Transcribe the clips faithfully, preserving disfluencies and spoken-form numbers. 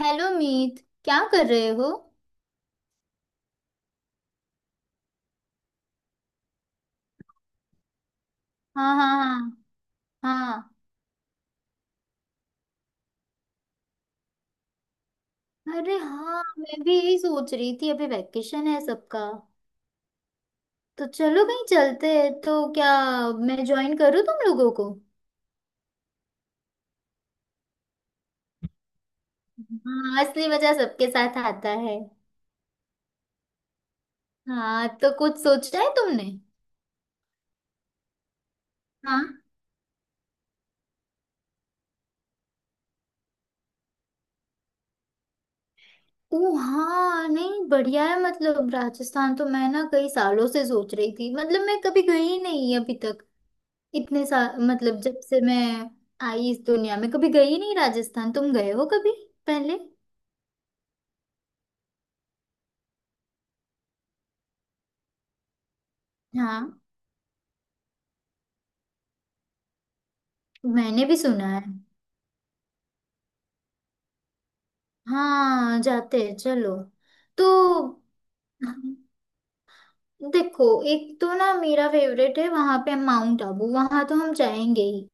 Hello Meet. क्या कर रहे हो? हाँ, हाँ, हाँ, हाँ, अरे हाँ, मैं भी यही सोच रही थी, अभी वैकेशन है सबका। तो चलो कहीं चलते हैं। तो क्या मैं ज्वाइन करूँ तुम लोगों को? हाँ, असली मजा सबके साथ आता है। हाँ, तो कुछ सोचा है तुमने? हाँ। ओ हाँ, नहीं बढ़िया है, मतलब राजस्थान तो मैं ना कई सालों से सोच रही थी, मतलब मैं कभी गई ही नहीं अभी तक। इतने सा मतलब जब से मैं आई इस दुनिया में कभी गई नहीं राजस्थान। तुम गए हो कभी पहले? हाँ, मैंने भी सुना है। हाँ, जाते हैं चलो। तो हाँ, देखो एक तो ना मेरा फेवरेट है वहां पे माउंट आबू, वहां तो हम जाएंगे ही।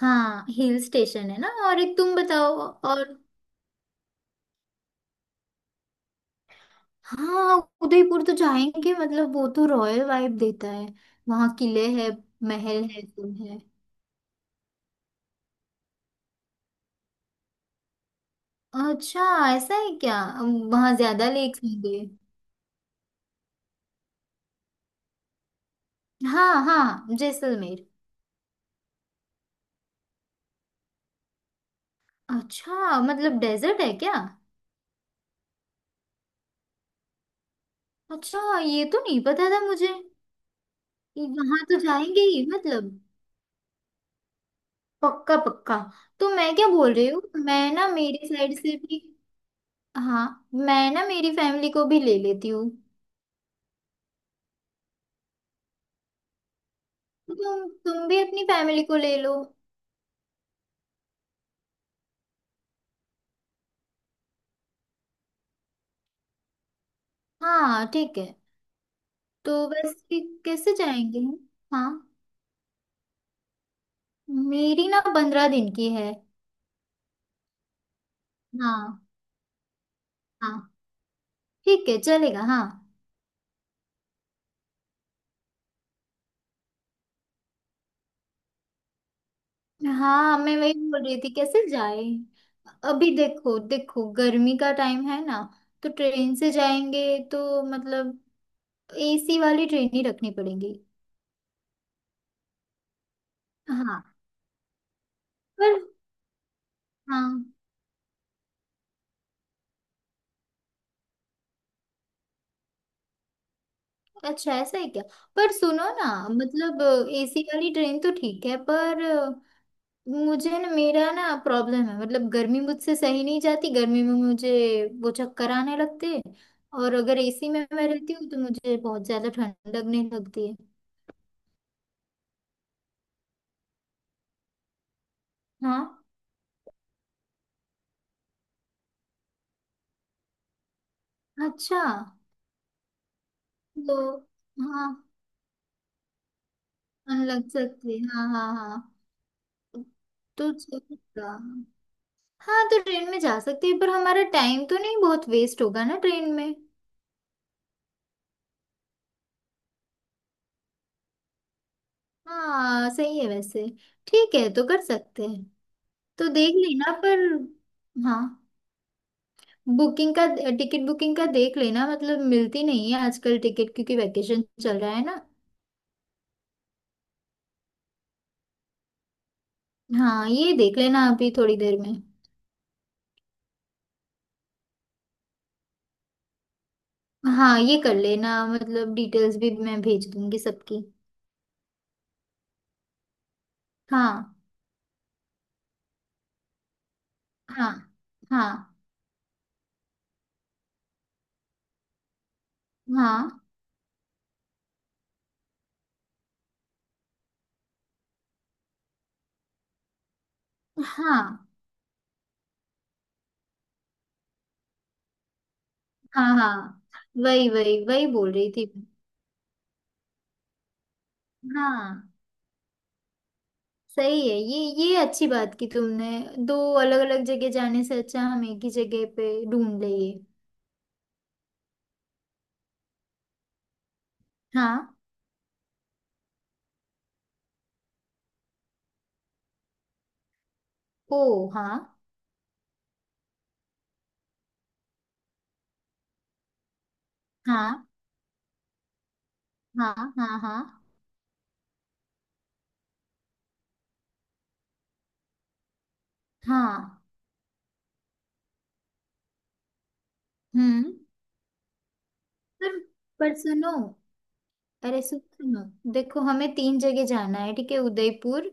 हाँ, हिल स्टेशन है ना। और एक तुम बताओ। और हाँ, उदयपुर तो जाएंगे, मतलब वो तो रॉयल वाइब देता है। वहां किले है, महल है, सब है। अच्छा, ऐसा है क्या? वहां ज्यादा लेक्स होंगे। हाँ, हाँ जैसलमेर। अच्छा, मतलब डेजर्ट है क्या? अच्छा, ये तो नहीं पता था मुझे। वहां तो जाएंगे ही मतलब। पक्का पक्का। तो मैं क्या बोल रही हूँ, मैं ना मेरी साइड से भी, हाँ, मैं ना मेरी फैमिली को भी ले लेती हूँ। तो तुम तुम भी अपनी फैमिली को ले लो। हाँ ठीक है। तो वैसे कैसे जाएंगे हम? हाँ, मेरी ना पंद्रह दिन की है। हाँ, हाँ, ठीक है चलेगा। हाँ, हाँ, मैं वही बोल रही थी कैसे जाए। अभी देखो देखो, गर्मी का टाइम है ना। तो ट्रेन से जाएंगे तो मतलब एसी वाली ट्रेन ही रखनी पड़ेगी। हाँ, पर हाँ, अच्छा ऐसा है क्या? पर सुनो ना, मतलब एसी वाली ट्रेन तो ठीक है, पर मुझे ना मेरा ना प्रॉब्लम है, मतलब गर्मी मुझसे सही नहीं जाती, गर्मी में मुझे वो चक्कर आने लगते हैं। और अगर एसी में मैं रहती हूँ तो मुझे बहुत ज्यादा ठंड लगने लगती है। हाँ, अच्छा, तो हाँ, ठंड लग सकती है, हाँ, हाँ, हाँ। तो चलेगा। हाँ, तो ट्रेन में जा सकते हैं, पर हमारा टाइम तो नहीं बहुत वेस्ट होगा ना ट्रेन में? हाँ, सही है वैसे। ठीक है, तो कर सकते हैं। तो देख लेना पर। हाँ, बुकिंग का, टिकट बुकिंग का देख लेना, मतलब मिलती नहीं है आजकल टिकट क्योंकि वैकेशन चल रहा है ना। हाँ, ये देख लेना अभी थोड़ी देर में। हाँ, ये कर लेना, मतलब डिटेल्स भी मैं भेज दूंगी सबकी। हाँ, हाँ, हाँ, हाँ, हाँ, हाँ, हाँ, वही वही वही बोल रही थी। हाँ, सही है ये ये अच्छी बात की तुमने। दो अलग अलग जगह जाने से अच्छा हम एक ही जगह पे ढूंढ ले ये। हाँ, ओ हाँ, हाँ, हाँ, हाँ, हाँ, हाँ। हम्म पर पर सुनो, अरे सुन सुनो, देखो हमें तीन जगह जाना है, ठीक है, उदयपुर,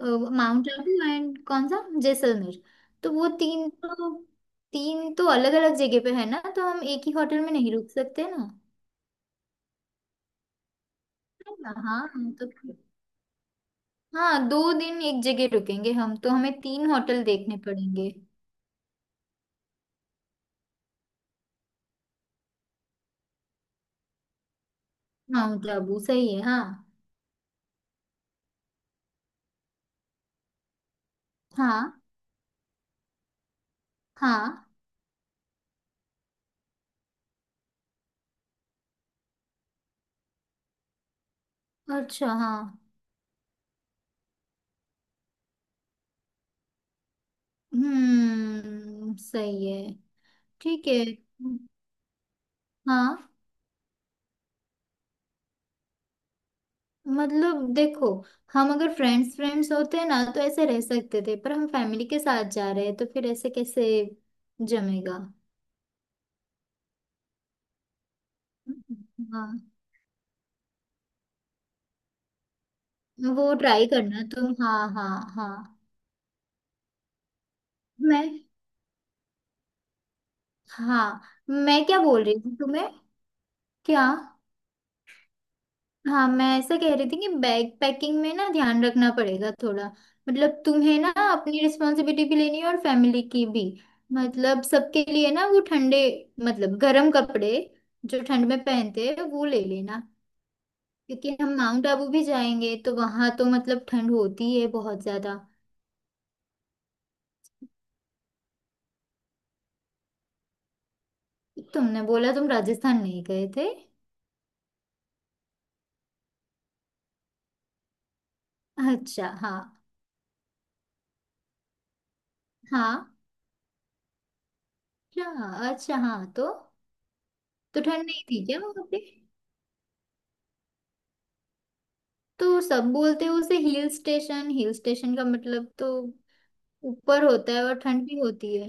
अ, माउंट आबू एंड कौन सा जैसलमेर। तो वो तीन तो तीन तो अलग अलग जगह पे है ना, तो हम एक ही होटल में नहीं रुक सकते ना। है ना? हाँ, हम तो, हाँ दो दिन एक जगह रुकेंगे हम, तो हमें तीन होटल देखने पड़ेंगे। माउंट आबू सही है, हाँ। हाँ, हाँ, अच्छा, हाँ। हम्म, सही है, ठीक है, हाँ। मतलब देखो, हम अगर फ्रेंड्स फ्रेंड्स होते हैं ना तो ऐसे रह सकते थे, पर हम फैमिली के साथ जा रहे हैं तो फिर ऐसे कैसे जमेगा। हाँ, वो ट्राई करना तुम, हाँ, हाँ। हाँ मैं, हाँ, मैं क्या बोल रही थी तुम्हें? क्या? हाँ, मैं ऐसा कह रही थी कि बैग पैकिंग में ना ध्यान रखना पड़ेगा थोड़ा। मतलब तुम्हें ना अपनी रिस्पॉन्सिबिलिटी भी लेनी है और फैमिली की भी। मतलब सबके लिए ना वो ठंडे, मतलब गर्म कपड़े जो ठंड में पहनते हैं वो ले लेना। क्योंकि हम माउंट आबू भी जाएंगे तो वहां तो मतलब ठंड होती है बहुत ज्यादा। तुमने बोला तुम राजस्थान नहीं गए थे। अच्छा हाँ। हाँ, अच्छा, अच्छा, हाँ तो तो ठंड नहीं थी क्या वहां पे? तो सब बोलते हैं उसे हिल स्टेशन, हिल स्टेशन का मतलब तो ऊपर होता है और ठंड भी होती है।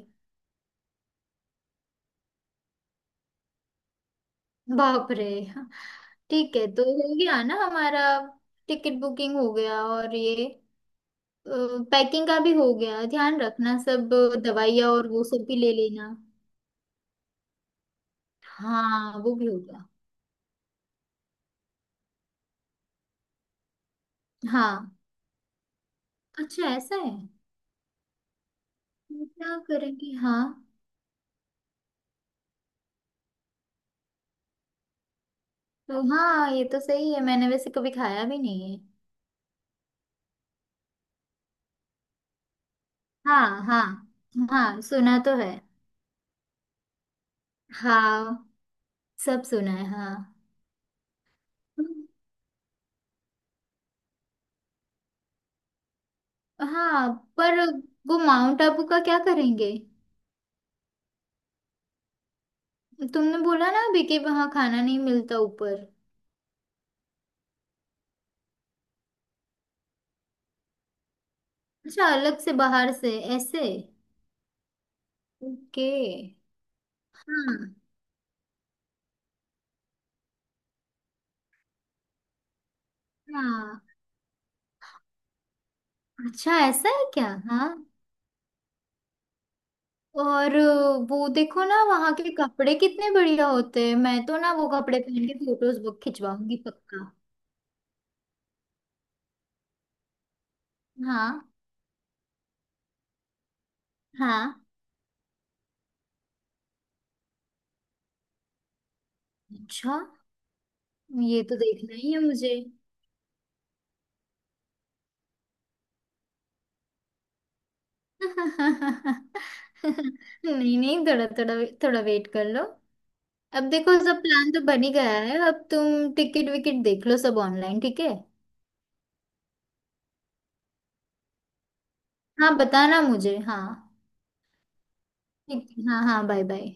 बाप रे। ठीक है, तो हो गया ना हमारा। टिकट बुकिंग हो गया, और ये पैकिंग का भी हो गया, ध्यान रखना सब। दवाइयाँ और वो सब भी ले लेना। हाँ, वो भी होगा। हाँ, अच्छा ऐसा है। तो क्या करेंगे, हाँ? तो हाँ, ये तो सही है, मैंने वैसे कभी खाया भी नहीं है। हाँ, हाँ, हाँ, सुना तो है, हाँ, सब सुना है, हाँ। हाँ, पर वो माउंट आबू का क्या करेंगे? तुमने बोला ना अभी कि वहाँ खाना नहीं मिलता ऊपर। अच्छा, अलग से बाहर से ऐसे? ओके। हाँ, हाँ, अच्छा ऐसा है क्या? हाँ, और अ, वो देखो ना, वहाँ के कपड़े कितने बढ़िया होते हैं, मैं तो ना वो कपड़े पहन के फोटोज बुक खिंचवाऊंगी पक्का। हाँ, हाँ, अच्छा ये तो देखना ही है मुझे। नहीं, नहीं, थोड़ा थोड़ा, थोड़ा वेट कर लो। अब देखो सब प्लान तो बन ही गया है, अब तुम टिकट विकेट देख लो सब ऑनलाइन, ठीक है। हाँ, बताना मुझे हाँ। ठीक है, हाँ, हाँ, बाय बाय।